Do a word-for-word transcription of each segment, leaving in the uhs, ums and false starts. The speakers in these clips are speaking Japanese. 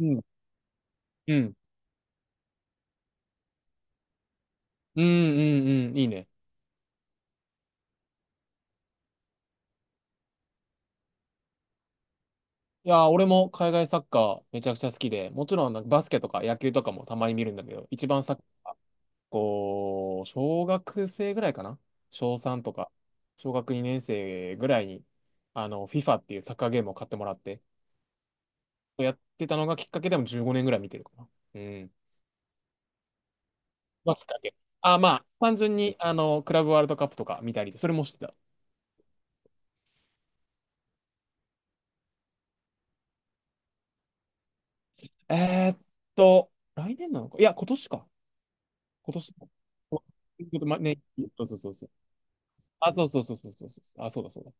うん。うん。うん、うん、うん。いいね。いやー、俺も海外サッカーめちゃくちゃ好きで、もちろんなんかバスケとか野球とかもたまに見るんだけど、一番サッカー、こう、小学生ぐらいかな、小さんとか、小学にねん生ぐらいに、あの、FIFA っていうサッカーゲームを買ってもらって、やってたのがきっかけでもじゅうごねんぐらい見てるかな。うん。まあ、きっかけ。あ、まあ、単純に、あの、クラブワールドカップとか見たり、それもしてた。えーっと、来年なのか、いや、今年か。今年、ま、ね、そうそうそうそう。あ、そうそうそうそうそうそう。あ、そうだそうだ。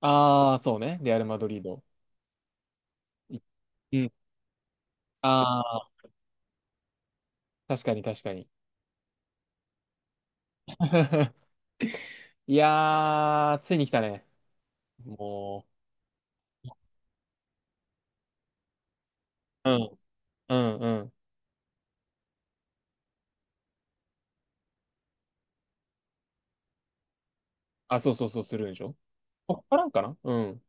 ああ、そうね。レアル・マドリード。い、うん。ああ、確かに確かに。いやー、ついに来たね。も、う、うん、うん、うん。あ、そうそうそう、するんでしょ。こっからかな、うん。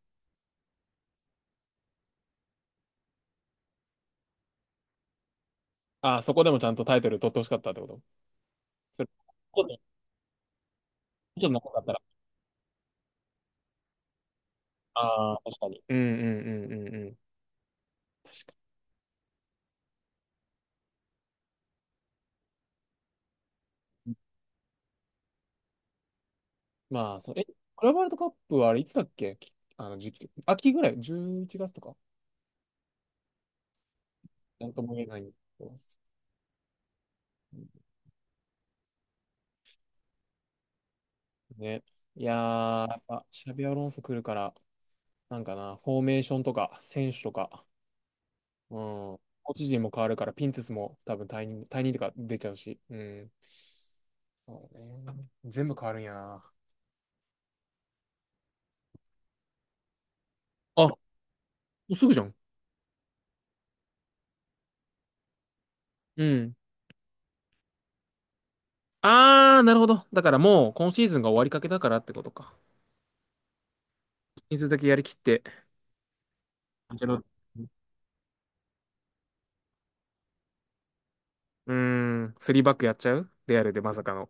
あ、そこでもちゃんとタイトル取ってほしかったってこと？それ、ちょっとちょっと長かったら。ああ、確かに。うんうんうんうんうん。確かに。まあ、そう、え、クラブワールドカップはあれいつだっけ、き、あの時期。秋ぐらい？ じゅういち 月とか、なんとも言えないんですよね。いやー、やっぱ、シャビアロンソ来るから、なんかな、フォーメーションとか、選手とか、うん、コーチ陣も変わるから、ピンテスも多分退任、退任とか出ちゃうし、うん。そうね。全部変わるんやな。あ、もうすぐじゃん。うん。あー、なるほど。だからもう、今シーズンが終わりかけだからってことか。人数だけやりきって、アンチェロッティ、うーん、スリーバックやっちゃうレアルでまさかの。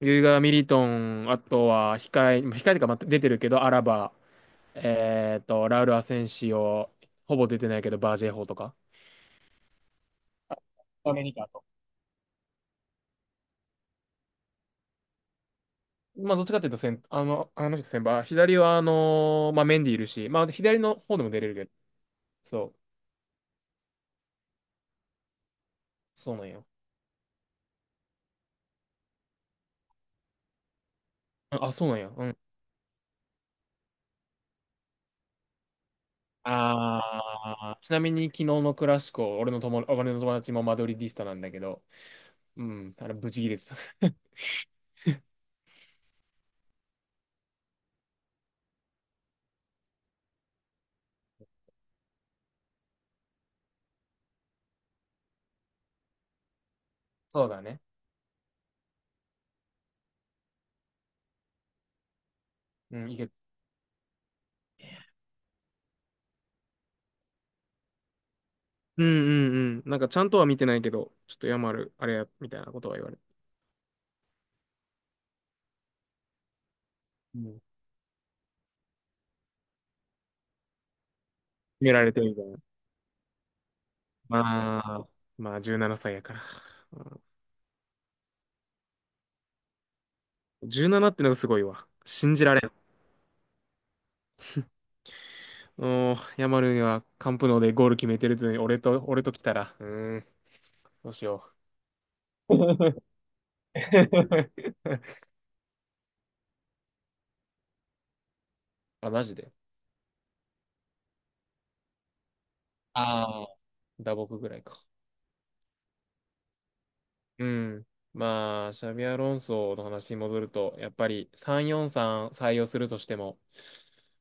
ユーガー・ミリトン、あとは控え、控えとかまた出てるけど、アラバ、えっと、ラウル・アセンシオ、ほぼ出てないけど、バージェイホーとか。アメリカと。まあ、どっちかっていうと先、あの、あの人先輩、左は、あのーまあ、メンディいるし、まあ、左の方でも出れるけど、そう、そうなんよ。あ、あそうなんや。うん。ああ、ちなみに、昨日のクラシコ、俺の友、俺の友達もマドリディスタなんだけど、うん、あれ、ブチギレてた。そうだね。うん、いけ、うんうんうん。なんかちゃんとは見てないけど、ちょっとヤマル、あれや、みたいなことは言われる。うん、決められてるみたいな。まあ、まあ、じゅうななさいやから。うん、じゅうななってのがすごいわ。信じられん。う、ヤマルにはカンプノーでゴール決めてるってのに、俺と、俺と来たら、うーん、どうしよう。あ、マジで。ああ、打撲ぐらいか。うん。まあ、シャビアロンソの話に戻ると、やっぱりさんよんさん採用するとしても、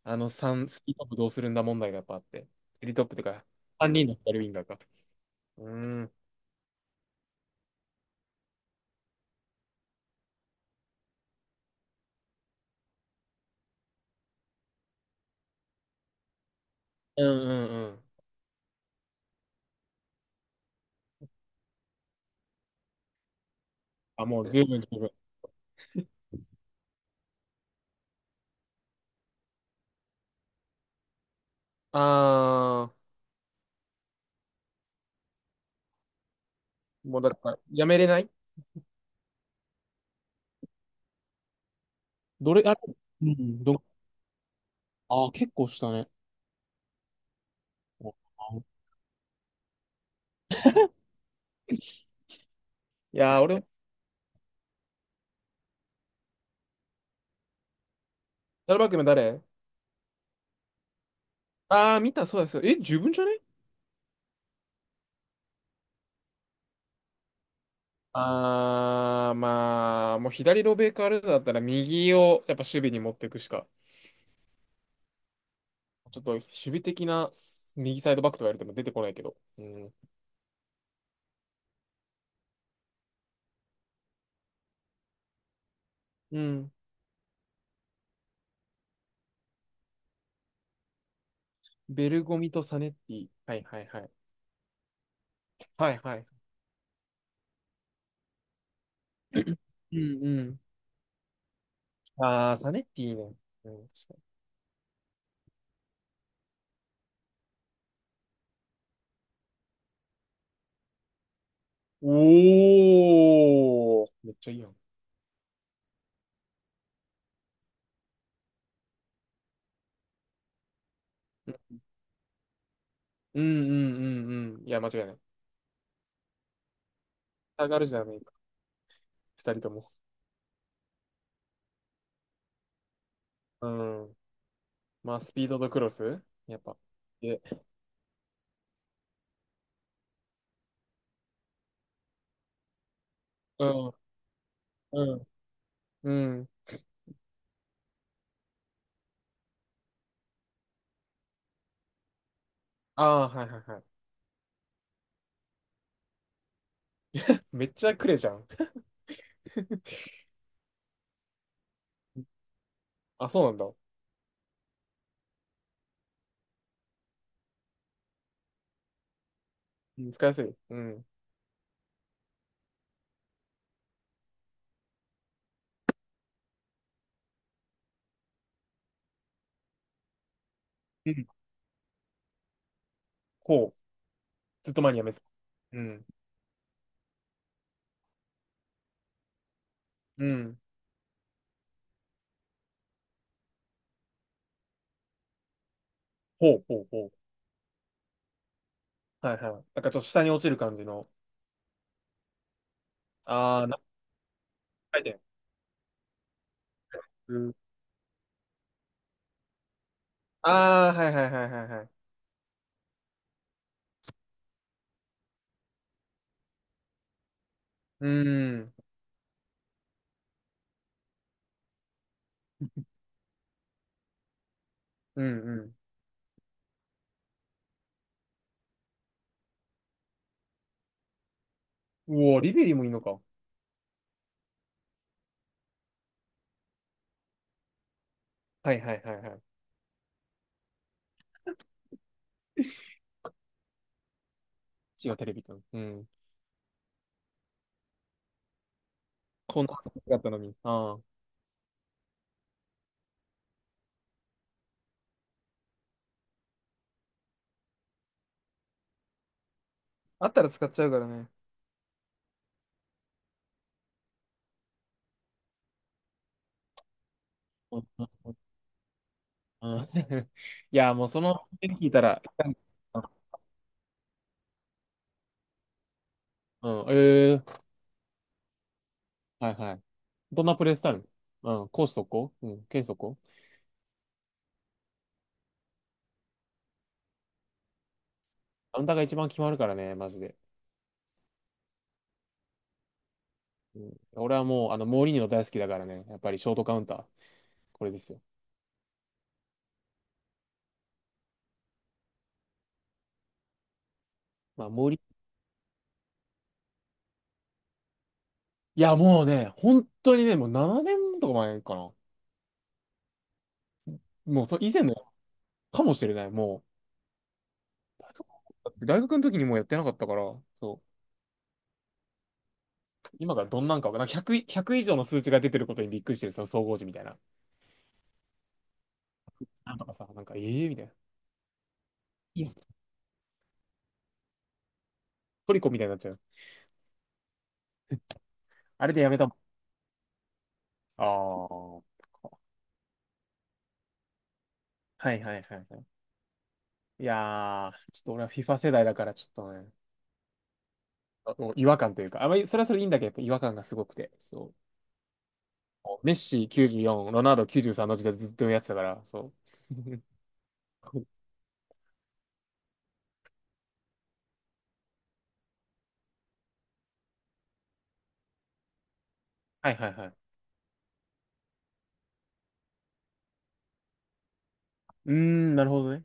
あの3、スリートップどうするんだ問題がやっぱあって、スリートップというか、さんにんの左ウィンガーか。うん。うんうんうん。あ、もう十分十分。あー、もうだから、やめれない。どれ、あれ、うん、ど、あー、結構したね。いやー、俺、サルバックの誰、あー、見た、そうです。え、十分じゃね？あー、まあ、もう左ロベーカールーだったら右をやっぱ守備に持っていくしか、ちょっと守備的な右サイドバックとか言われても出てこないけど。うん。うん。ベルゴミとサネッティ。はいはいはい。はいはい。うんうん。あー、サネッティね。うん、確かに。おー、めっちゃいいやん。うんうんうんうんうん。いや、間違いない。下がるじゃねえか。二人とも。うん。まあ、スピードとクロスやっぱ。で、うん、うん、うん。ああー、はいはいはい。めっちゃくれじゃん。あ、そうなんだ。うん、使いやすい。うん。うん。ほう。ずっと前にやめてた。うん。うん。ほうほうほう。はいはい。なんかちょっと下に落ちる感じの。ああ、な、回転。うん。ああ、はいはいはいはいはい。うん。うんうん。うお、リベリもいいのか。はいはいはいはい。違う、テレビと。うん。こんなだったのに。ああ。あったら使っちゃうからね。うんうんうん。 いや、もうその、聞いたら、うん、ええ。はいはい。どんなプレイスタイル？うん、攻守速攻、うん、剣速攻、カウンターが一番決まるからね、マジで。うん、俺はもう、あの、モーリーニョ大好きだからね、やっぱりショートカウンター、これですよ。まあ、モーリ、いや、もうね、本当にね、もうななねんとか前かな。もう、そ以前のかもしれない、もう。だって大学の時にもうやってなかったから、そう、今がどんなんかわかんない、ひゃく以上の数値が出てることにびっくりしてる、その総合時みたいな。なんとかさ、なんか、ええみたいな。いや、トリコみたいになっちゃう。あれでやめたもん。ああ。はいはいはいはい。いやー、ちょっと俺は FIFA 世代だからちょっとね、あもう違和感というか、あまりそれはそれでいいんだけど、やっぱ違和感がすごくて、そう。メッシきゅうじゅうよん、ロナウドきゅうじゅうさんの時代ずっとやってたから、そう。はいはいはい。うーん、なるほどね。